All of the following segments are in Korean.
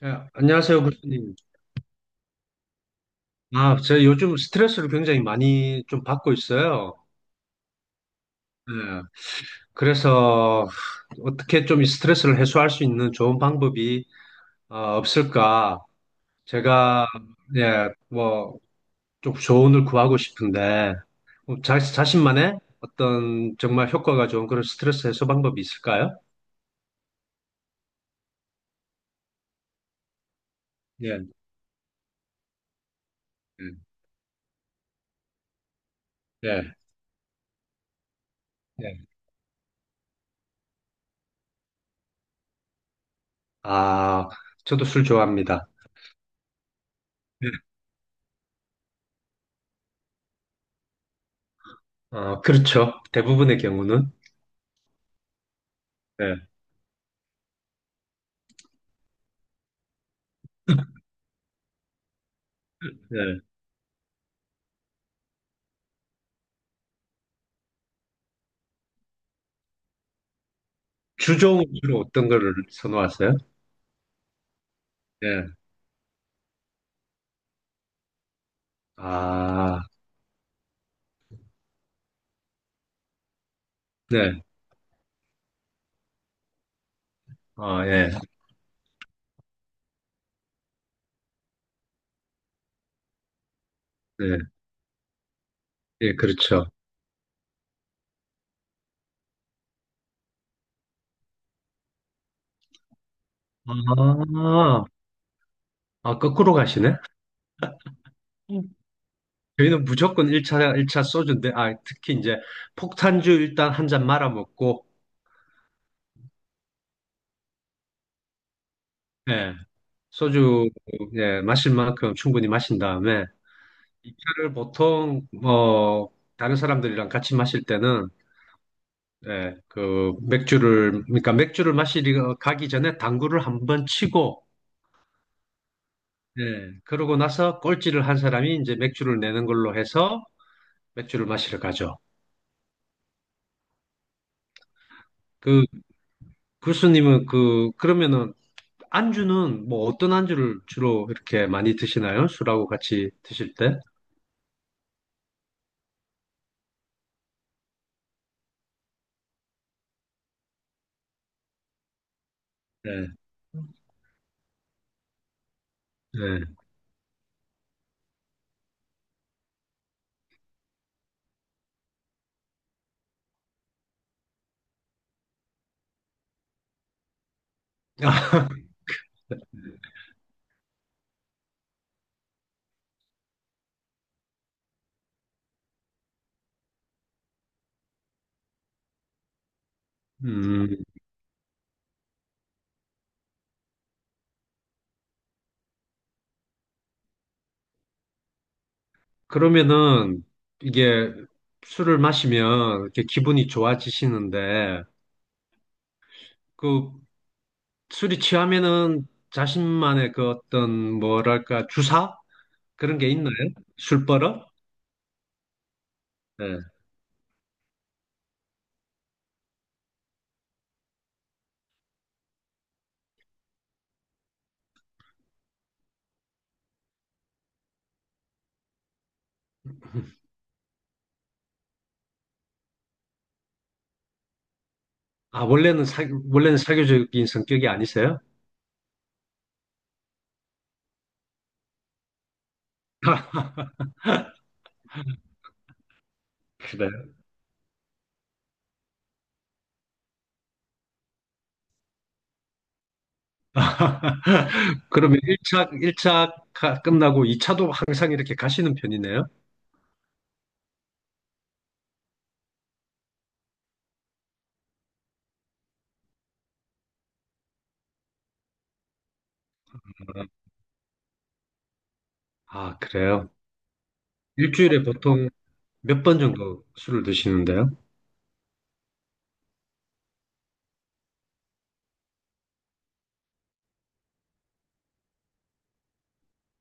네, 안녕하세요, 교수님. 아, 제가 요즘 스트레스를 굉장히 많이 좀 받고 있어요. 네, 그래서 어떻게 좀 이 스트레스를 해소할 수 있는 좋은 방법이 없을까? 제가 예, 뭐 좀 조언을 구하고 싶은데 뭐 자신만의 어떤 정말 효과가 좋은 그런 스트레스 해소 방법이 있을까요? 예, 예, 예. 예. 아, 저도 술 좋아합니다. 예. 어, 그렇죠. 대부분의 경우는. 예. 네. 주종 주로 어떤 거를 선호하세요? 네. 아, 네. 아, 예. 네. 예, 그렇죠. 아, 아, 거꾸로 가시네? 음. 저희는 무조건 1차, 일차 소주인데, 아, 특히 이제 폭탄주 일단 한 잔 말아 먹고, 예, 소주, 예, 마실 만큼 충분히 마신 다음에, 2차를 보통, 뭐, 다른 사람들이랑 같이 마실 때는, 예, 그, 맥주를, 그러니까 맥주를 마시러 가기 전에 당구를 한번 치고, 네. 그러고 나서 꼴찌를 한 사람이 이제 맥주를 내는 걸로 해서 맥주를 마시러 가죠. 그 교수님은 그러면은 안주는 뭐 어떤 안주를 주로 이렇게 많이 드시나요? 술하고 같이 드실 때? 네. 네. 음, 그러면은 이게 술을 마시면 이렇게 기분이 좋아지시는데 그 술이 취하면은 자신만의 그 어떤 뭐랄까 주사 그런 게 있나요? 술버릇? 아, 원래는 사교적인 성격이 아니세요? 그래요. 그러면 1차, 일 차 끝나고 2차도 항상 이렇게 가시는 편이네요? 아, 그래요. 일주일에 보통 몇 번 정도 술을 드시는데요?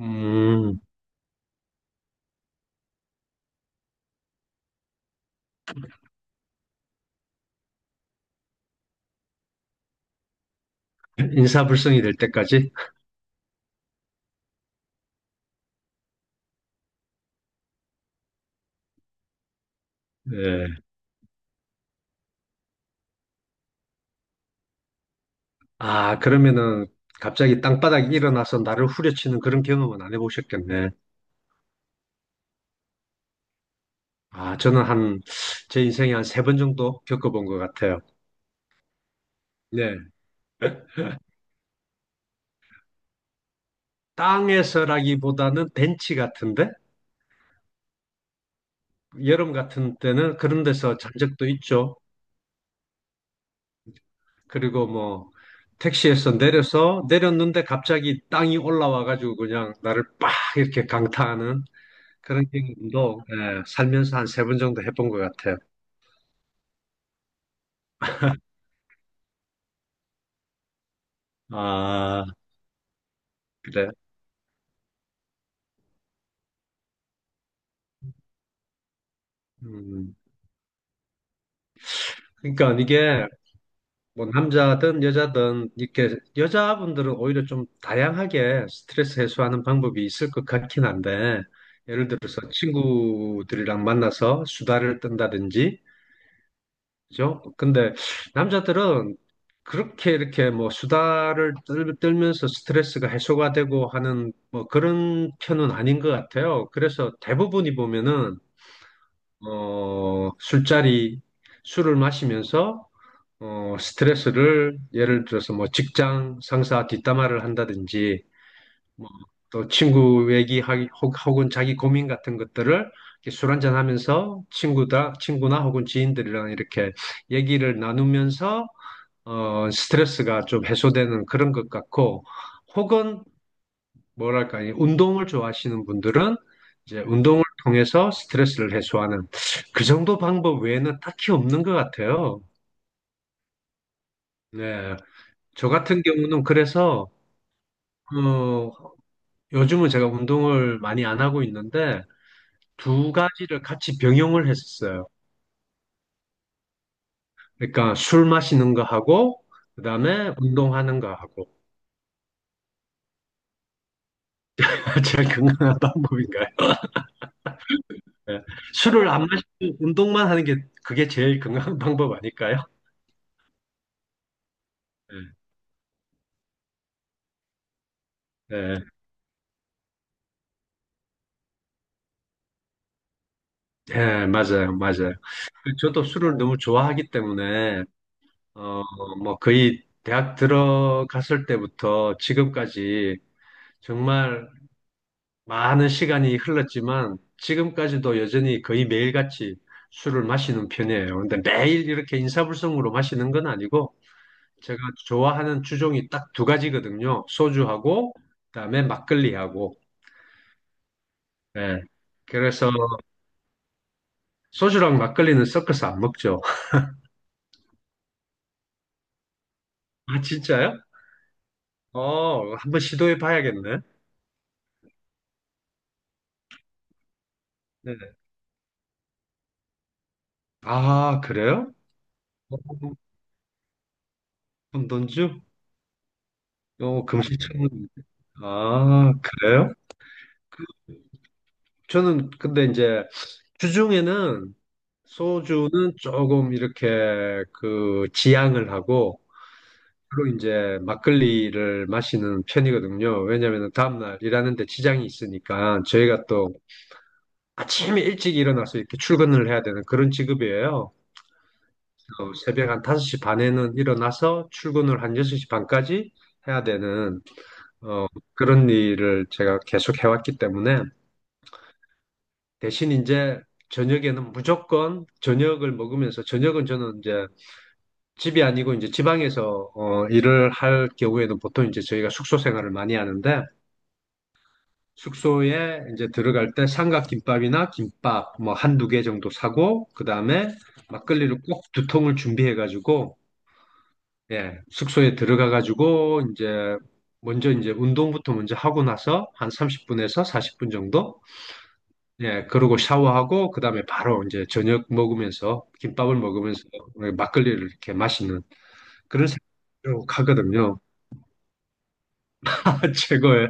음, 인사불성이 될 때까지? 예. 아, 그러면은 갑자기 땅바닥에 일어나서 나를 후려치는 그런 경험은 안 해보셨겠네. 아, 저는 제 인생에 한 세 번 정도 겪어본 것 같아요. 네. 땅에서라기보다는 벤치 같은데 여름 같은 때는 그런 데서 잔 적도 있죠. 그리고 뭐 택시에서 내려서 내렸는데 갑자기 땅이 올라와가지고 그냥 나를 빡 이렇게 강타하는 그런 경험도 예, 살면서 한 세 번 정도 해본 것 같아요. 아, 그래. 음. 그러니까 이게 뭐 남자든 여자든 이렇게 여자분들은 오히려 좀 다양하게 스트레스 해소하는 방법이 있을 것 같긴 한데 예를 들어서 친구들이랑 만나서 수다를 떤다든지 그죠? 근데 남자들은 그렇게 이렇게 뭐 수다를 떨면서 스트레스가 해소가 되고 하는 뭐 그런 편은 아닌 것 같아요. 그래서 대부분이 보면은 술자리 술을 마시면서 스트레스를 예를 들어서 뭐 직장 상사 뒷담화를 한다든지 뭐 또 친구 얘기 하 혹은 자기 고민 같은 것들을 이렇게 술 한잔 하면서 친구다 친구나 혹은 지인들이랑 이렇게 얘기를 나누면서 스트레스가 좀 해소되는 그런 것 같고 혹은 뭐랄까 이 운동을 좋아하시는 분들은 이제 운동을 통해서 스트레스를 해소하는 그 정도 방법 외에는 딱히 없는 것 같아요. 네. 저 같은 경우는 그래서 어, 요즘은 제가 운동을 많이 안 하고 있는데 두 가지를 같이 병용을 했었어요. 그러니까 술 마시는 거 하고 그다음에 운동하는 거 하고 제일 건강한 방법인가요? 예. 술을 안 마시고 운동만 하는 게 그게 제일 건강한 방법 아닐까요? 예, 예, 예, 맞아요, 맞아요. 저도 술을 너무 좋아하기 때문에 어, 뭐 거의 대학 들어갔을 때부터 지금까지 정말 많은 시간이 흘렀지만 지금까지도 여전히 거의 매일같이 술을 마시는 편이에요. 근데 매일 이렇게 인사불성으로 마시는 건 아니고 제가 좋아하는 주종이 딱 두 가지거든요. 소주하고 그다음에 막걸리하고. 예. 그래서 소주랑 막걸리는 섞어서 안 먹죠. 아, 진짜요? 어, 한번 시도해 봐야겠네. 네. 아, 그래요? 어, 금돈주? 어, 금시초문. 아, 그래요? 저는 근데 이제 주중에는 소주는 조금 이렇게 그 지양을 하고 주로 이제 막걸리를 마시는 편이거든요. 왜냐하면 다음날 일하는데 지장이 있으니까 저희가 또 아침에 일찍 일어나서 이렇게 출근을 해야 되는 그런 직업이에요. 새벽 한 5시 반에는 일어나서 출근을 한 6시 반까지 해야 되는 어, 그런 일을 제가 계속 해왔기 때문에 대신 이제 저녁에는 무조건 저녁을 먹으면서 저녁은 저는 이제 집이 아니고 이제 지방에서 일을 할 경우에는 보통 이제 저희가 숙소 생활을 많이 하는데 숙소에 이제 들어갈 때 삼각김밥이나 김밥 뭐 한두 개 정도 사고 그다음에 막걸리를 꼭 두 통을 준비해 가지고 예, 숙소에 들어가 가지고 이제 먼저 이제 운동부터 먼저 하고 나서 한 30분에서 40분 정도 예, 그러고 샤워하고 그다음에 바로 이제 저녁 먹으면서 김밥을 먹으면서 그 막걸리를 이렇게 마시는 그런 생각으로 가거든요. 최고예요.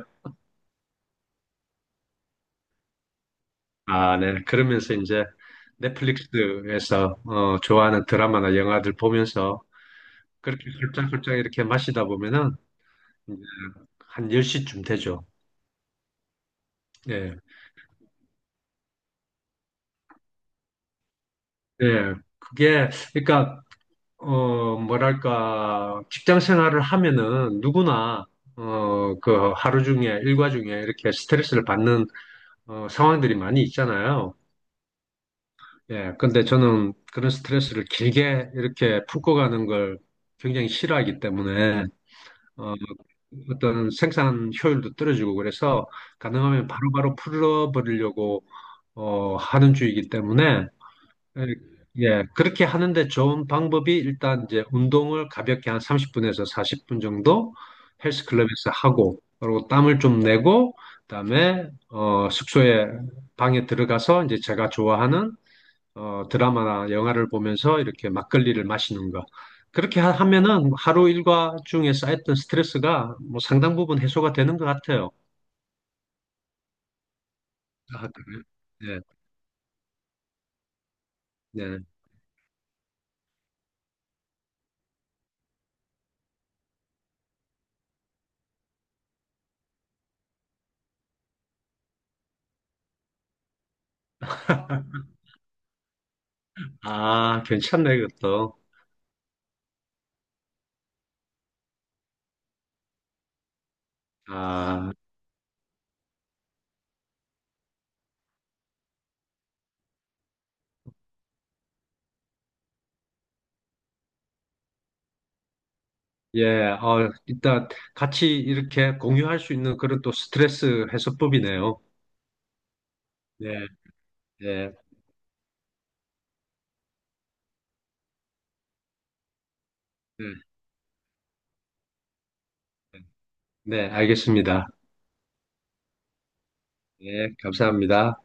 아, 네. 그러면서 이제 넷플릭스에서 좋아하는 드라마나 영화들 보면서 그렇게 훌쩍훌쩍 이렇게 마시다 보면은 이제 한 10시쯤 되죠. 예. 예. 그게 그러니까 뭐랄까, 직장 생활을 하면은 누구나, 그 하루 중에, 일과 중에 이렇게 스트레스를 받는, 상황들이 많이 있잖아요. 예, 근데 저는 그런 스트레스를 길게 이렇게 풀고 가는 걸 굉장히 싫어하기 때문에, 어, 어떤 생산 효율도 떨어지고 그래서 가능하면 바로바로 풀어버리려고, 하는 주의이기 때문에, 예, 예, 그렇게 하는데 좋은 방법이 일단 이제 운동을 가볍게 한 30분에서 40분 정도 헬스클럽에서 하고, 그리고 땀을 좀 내고, 그다음에 숙소에 방에 들어가서 이제 제가 좋아하는 드라마나 영화를 보면서 이렇게 막걸리를 마시는 거. 그렇게 하면은 하루 일과 중에 쌓였던 스트레스가 뭐 상당 부분 해소가 되는 것 같아요. 아, 그래요? 네, 네. 아, 괜찮네, 그것도. 아. 예, 일단 같이 이렇게 공유할 수 있는 그런 또 스트레스 해소법이네요. 네, 네, 네, 네, 알겠습니다. 네, 감사합니다.